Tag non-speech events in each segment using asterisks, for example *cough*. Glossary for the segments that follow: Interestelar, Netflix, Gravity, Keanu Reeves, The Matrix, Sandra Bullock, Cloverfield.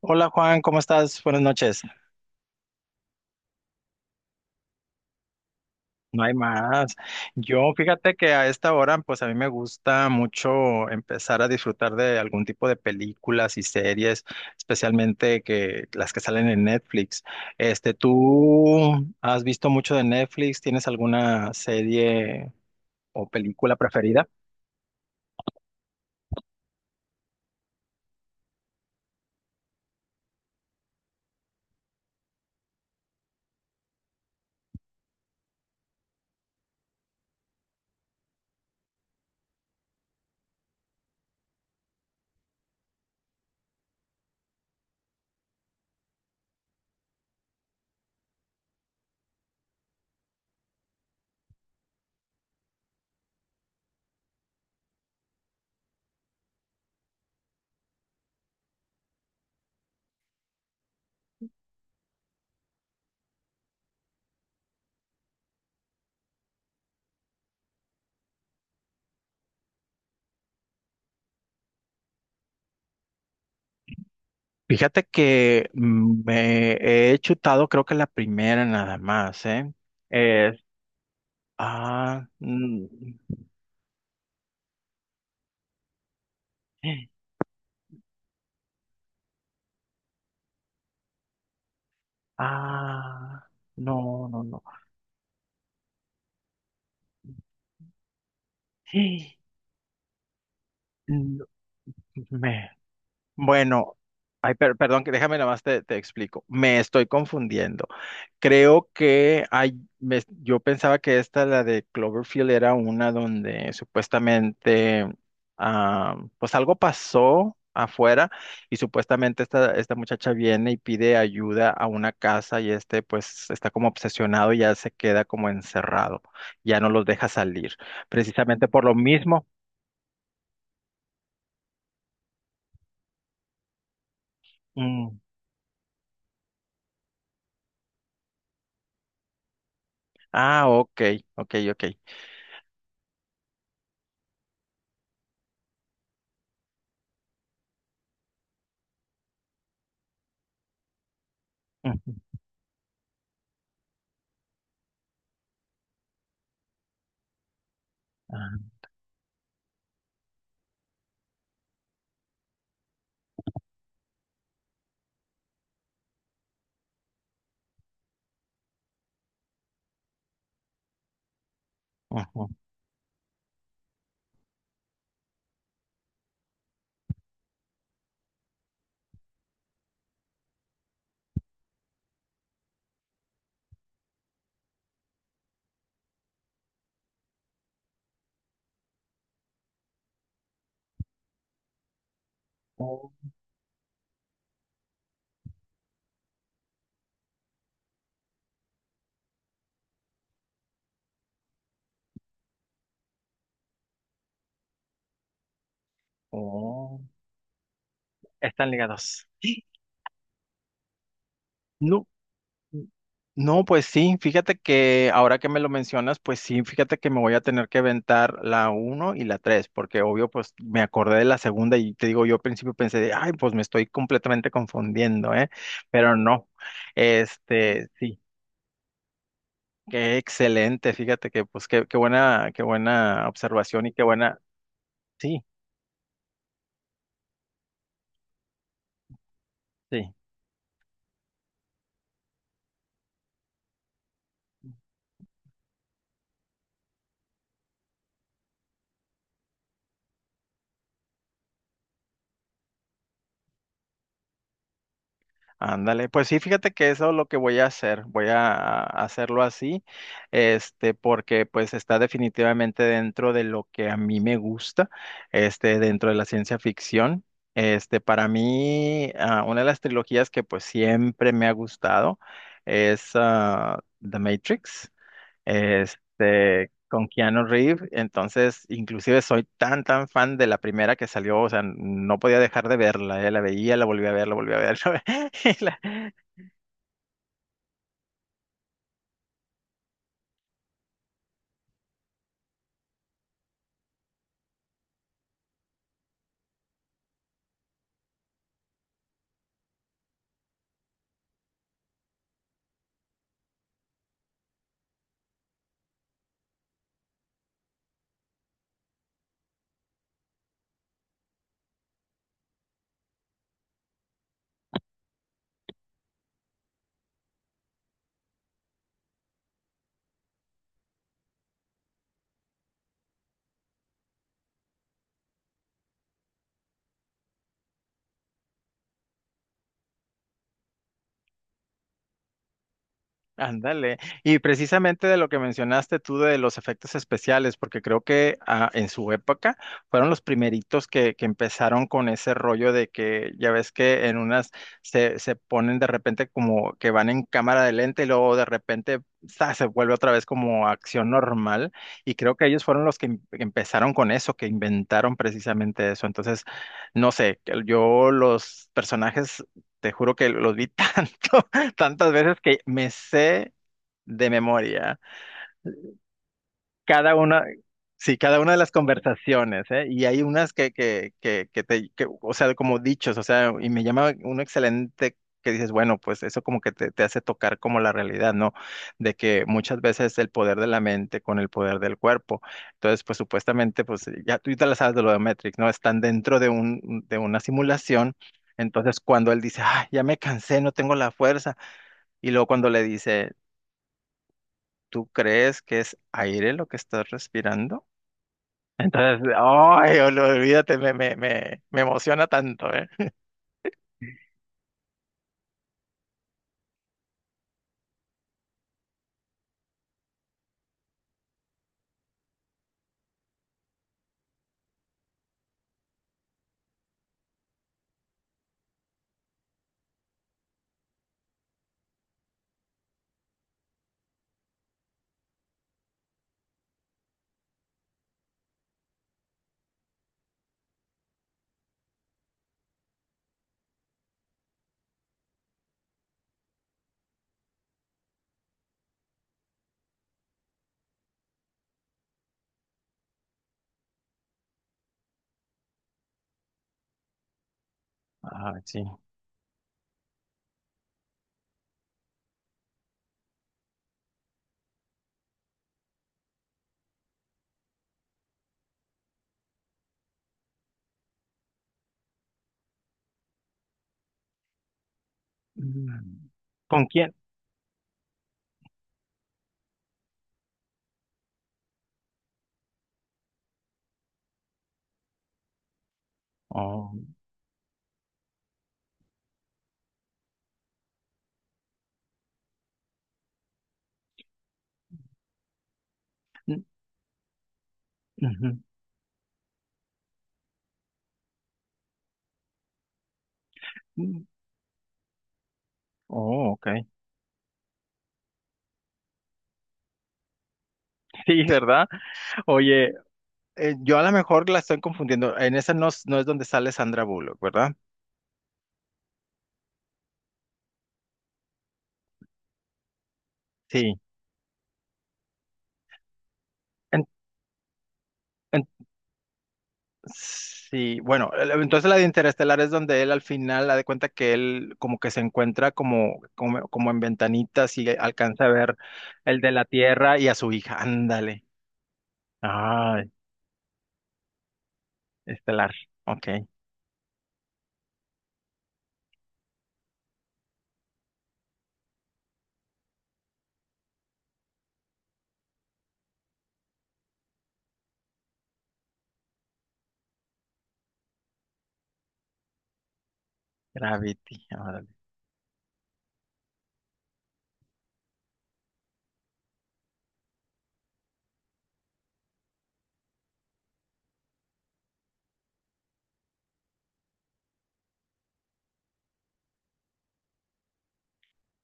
Hola Juan, ¿cómo estás? Buenas noches. No hay más. Yo fíjate que a esta hora, pues a mí me gusta mucho empezar a disfrutar de algún tipo de películas y series, especialmente que las que salen en Netflix. ¿Tú has visto mucho de Netflix? ¿Tienes alguna serie o película preferida? Fíjate que me he chutado, creo que la primera nada más, ¿eh? Eh, ah, mm, Ah, no, no, no. *gasps* No, Me, bueno, ay, perdón, que déjame nada más te explico. Me estoy confundiendo. Creo que yo pensaba que esta, la de Cloverfield, era una donde supuestamente, pues algo pasó afuera y supuestamente esta muchacha viene y pide ayuda a una casa y este pues está como obsesionado y ya se queda como encerrado, ya no los deja salir, precisamente por lo mismo. Mm, ok, ok, ok. Ujú. Ah. Ajá. Oh, oh. Están ligados. ¡Sí! No, no, pues sí, fíjate que ahora que me lo mencionas, pues sí, fíjate que me voy a tener que aventar la uno y la 3 porque obvio, pues me acordé de la segunda y te digo, yo al principio pensé, ay, pues me estoy completamente confundiendo, ¿eh? Pero no, sí, qué excelente, fíjate que, pues qué buena observación y qué buena, sí, sí. Ándale, pues sí, fíjate que eso es lo que voy a hacer, voy a hacerlo así, porque pues está definitivamente dentro de lo que a mí me gusta, dentro de la ciencia ficción. Para mí, una de las trilogías que pues siempre me ha gustado es The Matrix con Keanu Reeves. Entonces, inclusive soy tan, tan fan de la primera que salió, o sea, no podía dejar de verla. La veía, la volví a ver, la volví a ver, *laughs* la ve- y la- Ándale. Y precisamente de lo que mencionaste tú de los efectos especiales, porque creo que en su época fueron los primeritos que empezaron con ese rollo de que ya ves que en unas se ponen de repente como que van en cámara de lente y luego de repente ¡za! Se vuelve otra vez como acción normal. Y creo que ellos fueron los que empezaron con eso, que inventaron precisamente eso. Entonces, no sé, que yo los personajes, te juro que los vi *laughs* tanto tantas veces que me sé de memoria cada una, sí, cada una de las conversaciones, ¿eh? Y hay unas que, o sea, como dichos, o sea, y me llama uno excelente que dices, bueno, pues eso como que te hace tocar como la realidad, ¿no? De que muchas veces el poder de la mente con el poder del cuerpo. Entonces, pues supuestamente, pues ya tú te la sabes de lo de Matrix, ¿no? Están dentro de una simulación. Entonces, cuando él dice, ah, ya me cansé, no tengo la fuerza, y luego cuando le dice, ¿Tú crees que es aire lo que estás respirando? Entonces, ay, olvídate, me emociona tanto, ¿eh? Ah, sí. Mm. ¿Con quién? Oh, mm, ujú, mm. Oh, ok. *laughs* Sí, ¿verdad? Oye, yo a lo mejor la estoy confundiendo. En esa no, no es donde sale Sandra Bullock, ¿verdad? Sí. En- Sí, bueno, entonces la de Interestelar es donde él al final da de cuenta que él como que se encuentra como en ventanitas y alcanza a ver el de la Tierra y a su hija. Ándale. Ay, Estelar. Ok. Gravity.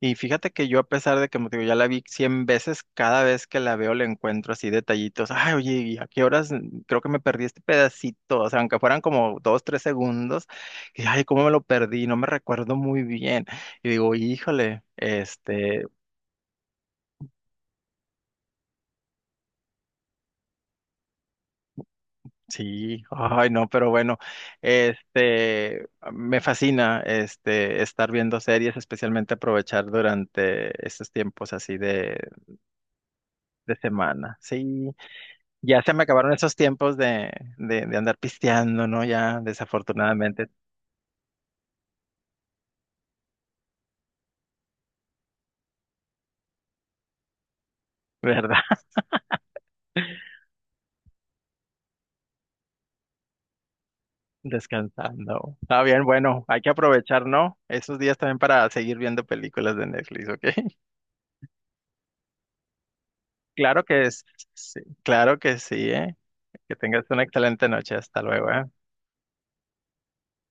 Y fíjate que yo, a pesar de que, como te digo, ya la vi 100 veces, cada vez que la veo le encuentro así detallitos. Ay, oye, ¿y a qué horas? Creo que me perdí este pedacito. O sea, aunque fueran como 2, 3 segundos, y ay, ¿cómo me lo perdí? No me recuerdo muy bien. Y digo, híjole, sí, ay, no, pero bueno, me fascina, estar viendo series, especialmente aprovechar durante estos tiempos así de semana. Sí. Ya se me acabaron esos tiempos de andar pisteando, ¿no? Ya, desafortunadamente, ¿verdad? *laughs* Descansando. Está bien, bueno, hay que aprovechar, ¿no? Esos días también para seguir viendo películas de Netflix, ¿ok? *laughs* Claro que es, sí, claro que sí, ¿eh? Que tengas una excelente noche. Hasta luego, ¿eh?